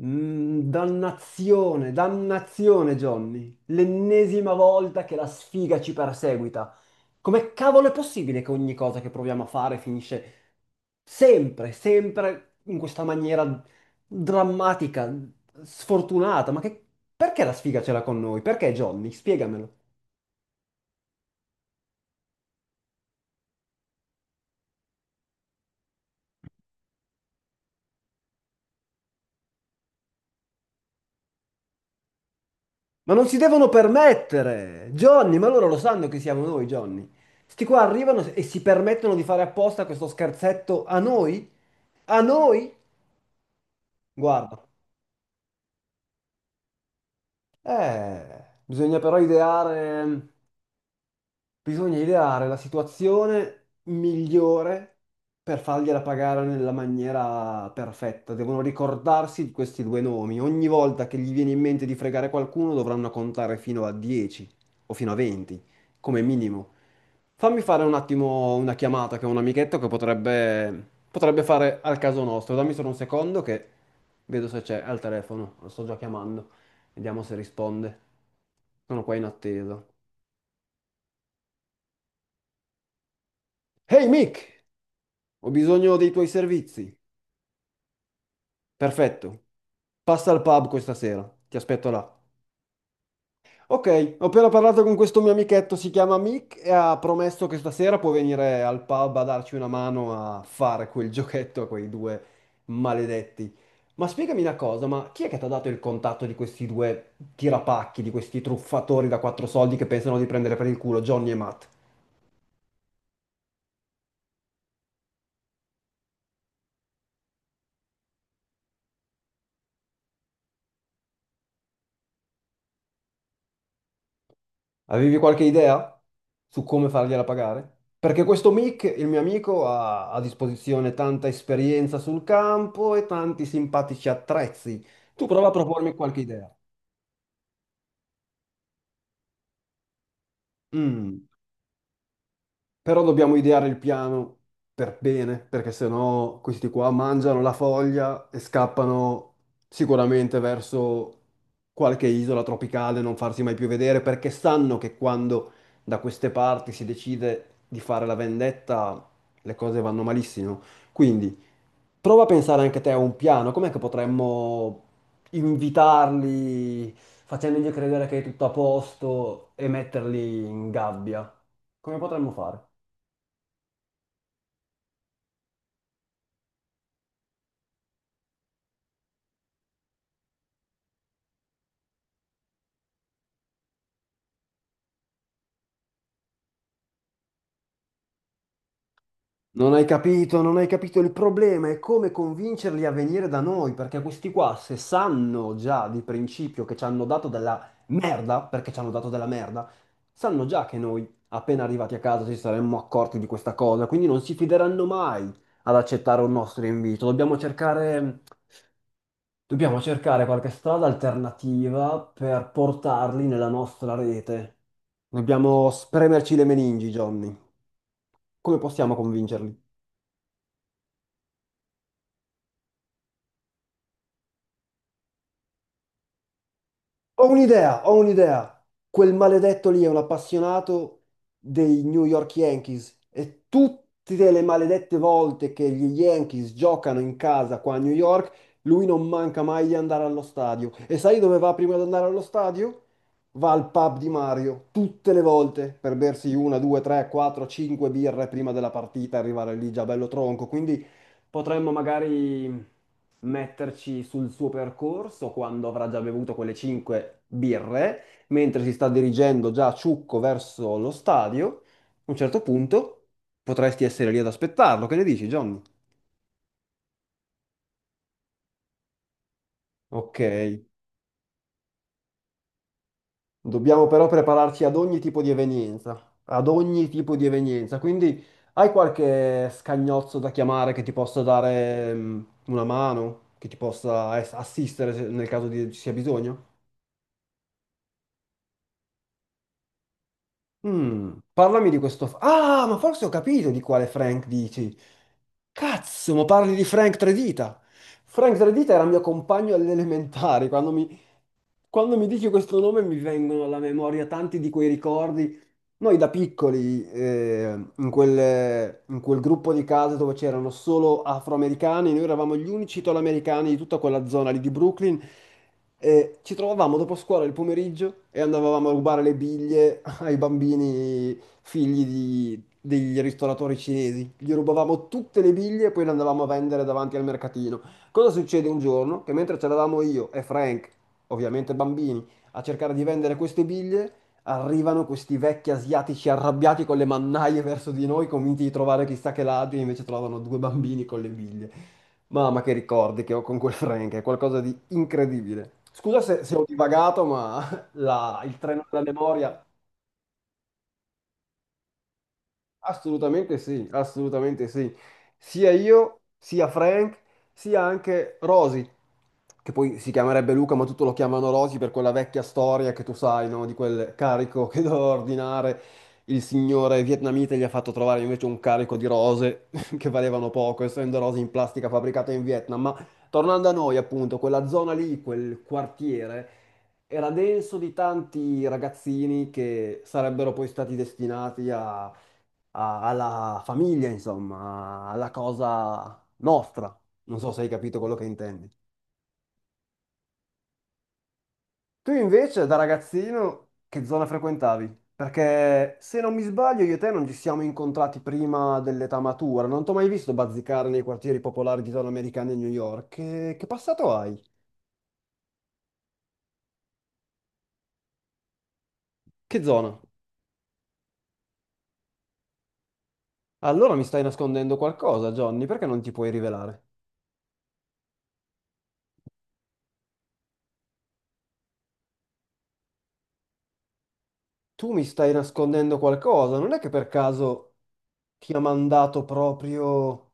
Dannazione, dannazione, Johnny. L'ennesima volta che la sfiga ci perseguita. Come cavolo è possibile che ogni cosa che proviamo a fare finisce sempre, sempre in questa maniera drammatica, sfortunata? Ma che... perché la sfiga ce l'ha con noi? Perché, Johnny? Spiegamelo. Ma non si devono permettere, Johnny, ma loro lo sanno che siamo noi, Johnny. Sti qua arrivano e si permettono di fare apposta questo scherzetto a noi? A noi? Guarda, bisogna però ideare. Bisogna ideare la situazione migliore per fargliela pagare nella maniera perfetta. Devono ricordarsi di questi due nomi. Ogni volta che gli viene in mente di fregare qualcuno, dovranno contare fino a 10 o fino a 20, come minimo. Fammi fare un attimo una chiamata che ho un amichetto che potrebbe fare al caso nostro. Dammi solo un secondo che vedo se c'è al telefono. Lo sto già chiamando. Vediamo se risponde. Sono qua in attesa. Ehi Mick! Ho bisogno dei tuoi servizi. Perfetto. Passa al pub questa sera. Ti aspetto là. Ok, ho appena parlato con questo mio amichetto, si chiama Mick, e ha promesso che stasera può venire al pub a darci una mano a fare quel giochetto a quei due maledetti. Ma spiegami una cosa, ma chi è che ti ha dato il contatto di questi due tirapacchi, di questi truffatori da quattro soldi che pensano di prendere per il culo, Johnny e Matt? Avevi qualche idea su come fargliela pagare? Perché questo Mick, il mio amico, ha a disposizione tanta esperienza sul campo e tanti simpatici attrezzi. Tu prova a propormi qualche idea. Mm. Però dobbiamo ideare il piano per bene, perché sennò questi qua mangiano la foglia e scappano sicuramente verso qualche isola tropicale, non farsi mai più vedere, perché sanno che quando da queste parti si decide di fare la vendetta, le cose vanno malissimo. Quindi prova a pensare anche te a un piano, com'è che potremmo invitarli facendogli credere che è tutto a posto e metterli in gabbia? Come potremmo fare? Non hai capito, non hai capito. Il problema è come convincerli a venire da noi, perché questi qua, se sanno già di principio che ci hanno dato della merda, perché ci hanno dato della merda, sanno già che noi, appena arrivati a casa, ci saremmo accorti di questa cosa, quindi non si fideranno mai ad accettare un nostro invito. Dobbiamo cercare qualche strada alternativa per portarli nella nostra rete. Dobbiamo spremerci le meningi, Johnny. Come possiamo convincerli? Ho un'idea, ho un'idea. Quel maledetto lì è un appassionato dei New York Yankees e tutte le maledette volte che gli Yankees giocano in casa qua a New York, lui non manca mai di andare allo stadio. E sai dove va prima di andare allo stadio? Va al pub di Mario, tutte le volte, per bersi una, due, tre, quattro, cinque birre prima della partita, arrivare lì già bello tronco. Quindi potremmo magari metterci sul suo percorso quando avrà già bevuto quelle cinque birre, mentre si sta dirigendo già a ciucco verso lo stadio. A un certo punto potresti essere lì ad aspettarlo. Che ne dici, Johnny? Ok, dobbiamo però prepararci ad ogni tipo di evenienza, ad ogni tipo di evenienza. Quindi hai qualche scagnozzo da chiamare che ti possa dare una mano, che ti possa assistere ci sia bisogno? Parlami di questo. Ah, ma forse ho capito di quale Frank dici. Cazzo, ma parli di Frank Tredita. Frank Tredita era mio compagno alle elementari. Quando mi dici questo nome mi vengono alla memoria tanti di quei ricordi. Noi da piccoli, in quel gruppo di case dove c'erano solo afroamericani, noi eravamo gli unici italoamericani di tutta quella zona lì di Brooklyn, e ci trovavamo dopo scuola il pomeriggio e andavamo a rubare le biglie ai bambini figli degli ristoratori cinesi. Gli rubavamo tutte le biglie e poi le andavamo a vendere davanti al mercatino. Cosa succede un giorno? Che mentre c'eravamo io e Frank ovviamente bambini, a cercare di vendere queste biglie, arrivano questi vecchi asiatici arrabbiati con le mannaie verso di noi, convinti di trovare chissà che ladri, e invece trovano due bambini con le biglie. Mamma che ricordi che ho con quel Frank, è qualcosa di incredibile. Scusa se ho divagato, ma il treno della memoria. Assolutamente sì, assolutamente sì. Sia io, sia Frank, sia anche Rosy, che poi si chiamerebbe Luca, ma tutto lo chiamano Rosy per quella vecchia storia che tu sai, no? Di quel carico che doveva ordinare il signore vietnamita e gli ha fatto trovare invece un carico di rose che valevano poco, essendo rose in plastica fabbricata in Vietnam. Ma tornando a noi, appunto, quella zona lì, quel quartiere, era denso di tanti ragazzini che sarebbero poi stati destinati a alla famiglia, insomma, alla cosa nostra. Non so se hai capito quello che intendi. Tu invece, da ragazzino, che zona frequentavi? Perché se non mi sbaglio, io e te non ci siamo incontrati prima dell'età matura. Non ti ho mai visto bazzicare nei quartieri popolari di zona americana di New York. Che passato hai? Che zona? Allora mi stai nascondendo qualcosa, Johnny, perché non ti puoi rivelare? Tu mi stai nascondendo qualcosa, non è che per caso ti ha mandato proprio.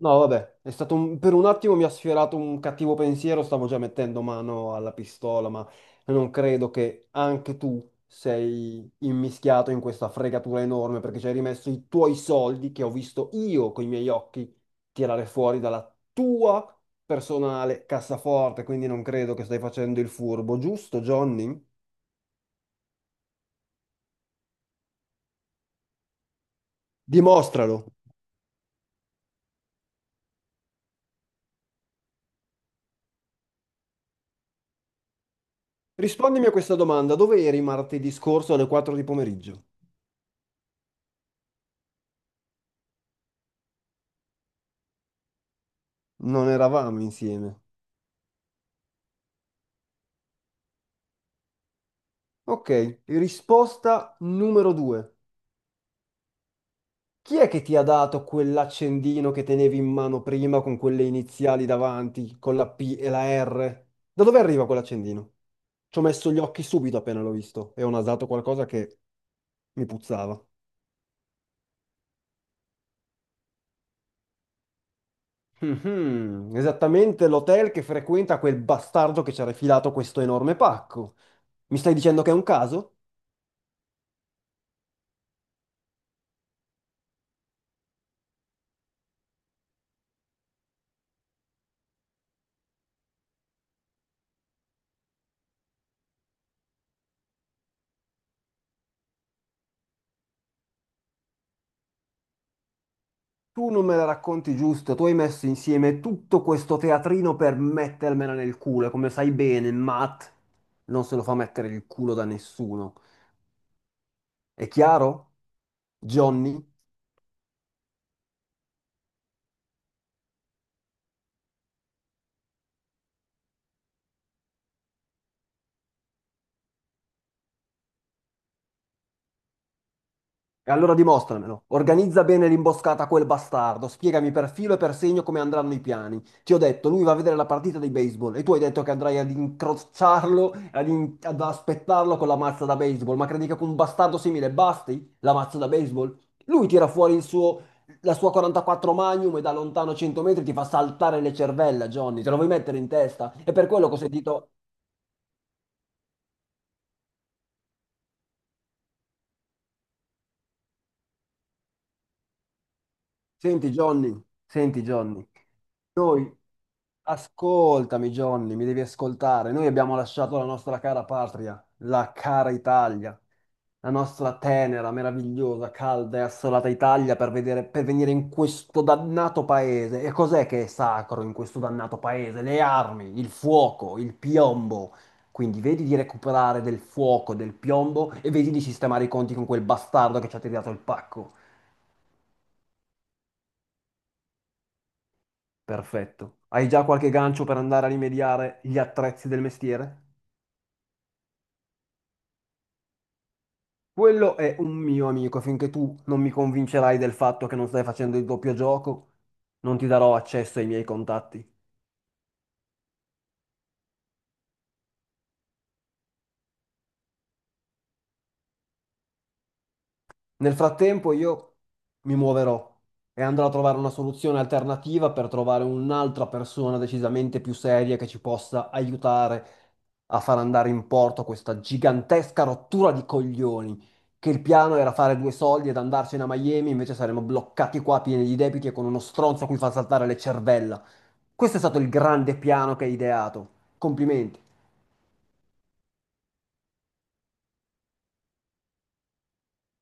No, vabbè, è stato per un attimo mi ha sfiorato un cattivo pensiero, stavo già mettendo mano alla pistola, ma non credo che anche tu sei immischiato in questa fregatura enorme perché ci hai rimesso i tuoi soldi che ho visto io con i miei occhi tirare fuori dalla tua personale cassaforte, quindi non credo che stai facendo il furbo, giusto, Johnny? Dimostralo. Rispondimi a questa domanda, dove eri martedì scorso alle 4 di pomeriggio? Non eravamo insieme. Ok, risposta numero due. Chi è che ti ha dato quell'accendino che tenevi in mano prima con quelle iniziali davanti, con la P e la R? Da dove arriva quell'accendino? Ci ho messo gli occhi subito appena l'ho visto e ho nasato qualcosa che mi puzzava. Mhm. Esattamente l'hotel che frequenta quel bastardo che ci ha rifilato questo enorme pacco. Mi stai dicendo che è un caso? Tu non me la racconti giusto, tu hai messo insieme tutto questo teatrino per mettermela nel culo, e come sai bene, Matt non se lo fa mettere il culo da nessuno. È chiaro? Johnny? E allora dimostramelo. Organizza bene l'imboscata a quel bastardo. Spiegami per filo e per segno come andranno i piani. Ti ho detto, lui va a vedere la partita di baseball e tu hai detto che andrai ad incrociarlo, ad aspettarlo con la mazza da baseball. Ma credi che con un bastardo simile basti la mazza da baseball? Lui tira fuori la sua 44 Magnum e da lontano 100 metri ti fa saltare le cervella, Johnny. Te lo vuoi mettere in testa? È per quello che ho sentito... Senti, Johnny, senti, Johnny. Noi Ascoltami, Johnny, mi devi ascoltare. Noi abbiamo lasciato la nostra cara patria, la cara Italia, la nostra tenera, meravigliosa, calda e assolata Italia per per venire in questo dannato paese. E cos'è che è sacro in questo dannato paese? Le armi, il fuoco, il piombo. Quindi vedi di recuperare del fuoco, del piombo e vedi di sistemare i conti con quel bastardo che ci ha tirato il pacco. Perfetto. Hai già qualche gancio per andare a rimediare gli attrezzi del mestiere? Quello è un mio amico, finché tu non mi convincerai del fatto che non stai facendo il doppio gioco, non ti darò accesso ai miei contatti. Nel frattempo io mi muoverò e andrò a trovare una soluzione alternativa per trovare un'altra persona decisamente più seria che ci possa aiutare a far andare in porto questa gigantesca rottura di coglioni, che il piano era fare due soldi ed andarcene a Miami, invece saremmo bloccati qua pieni di debiti e con uno stronzo a cui far saltare le cervella. Questo è stato il grande piano che hai ideato. Complimenti.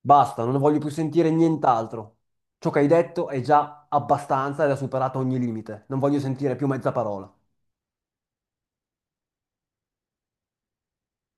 Basta, non voglio più sentire nient'altro. Ciò che hai detto è già abbastanza ed ha superato ogni limite. Non voglio sentire più mezza parola.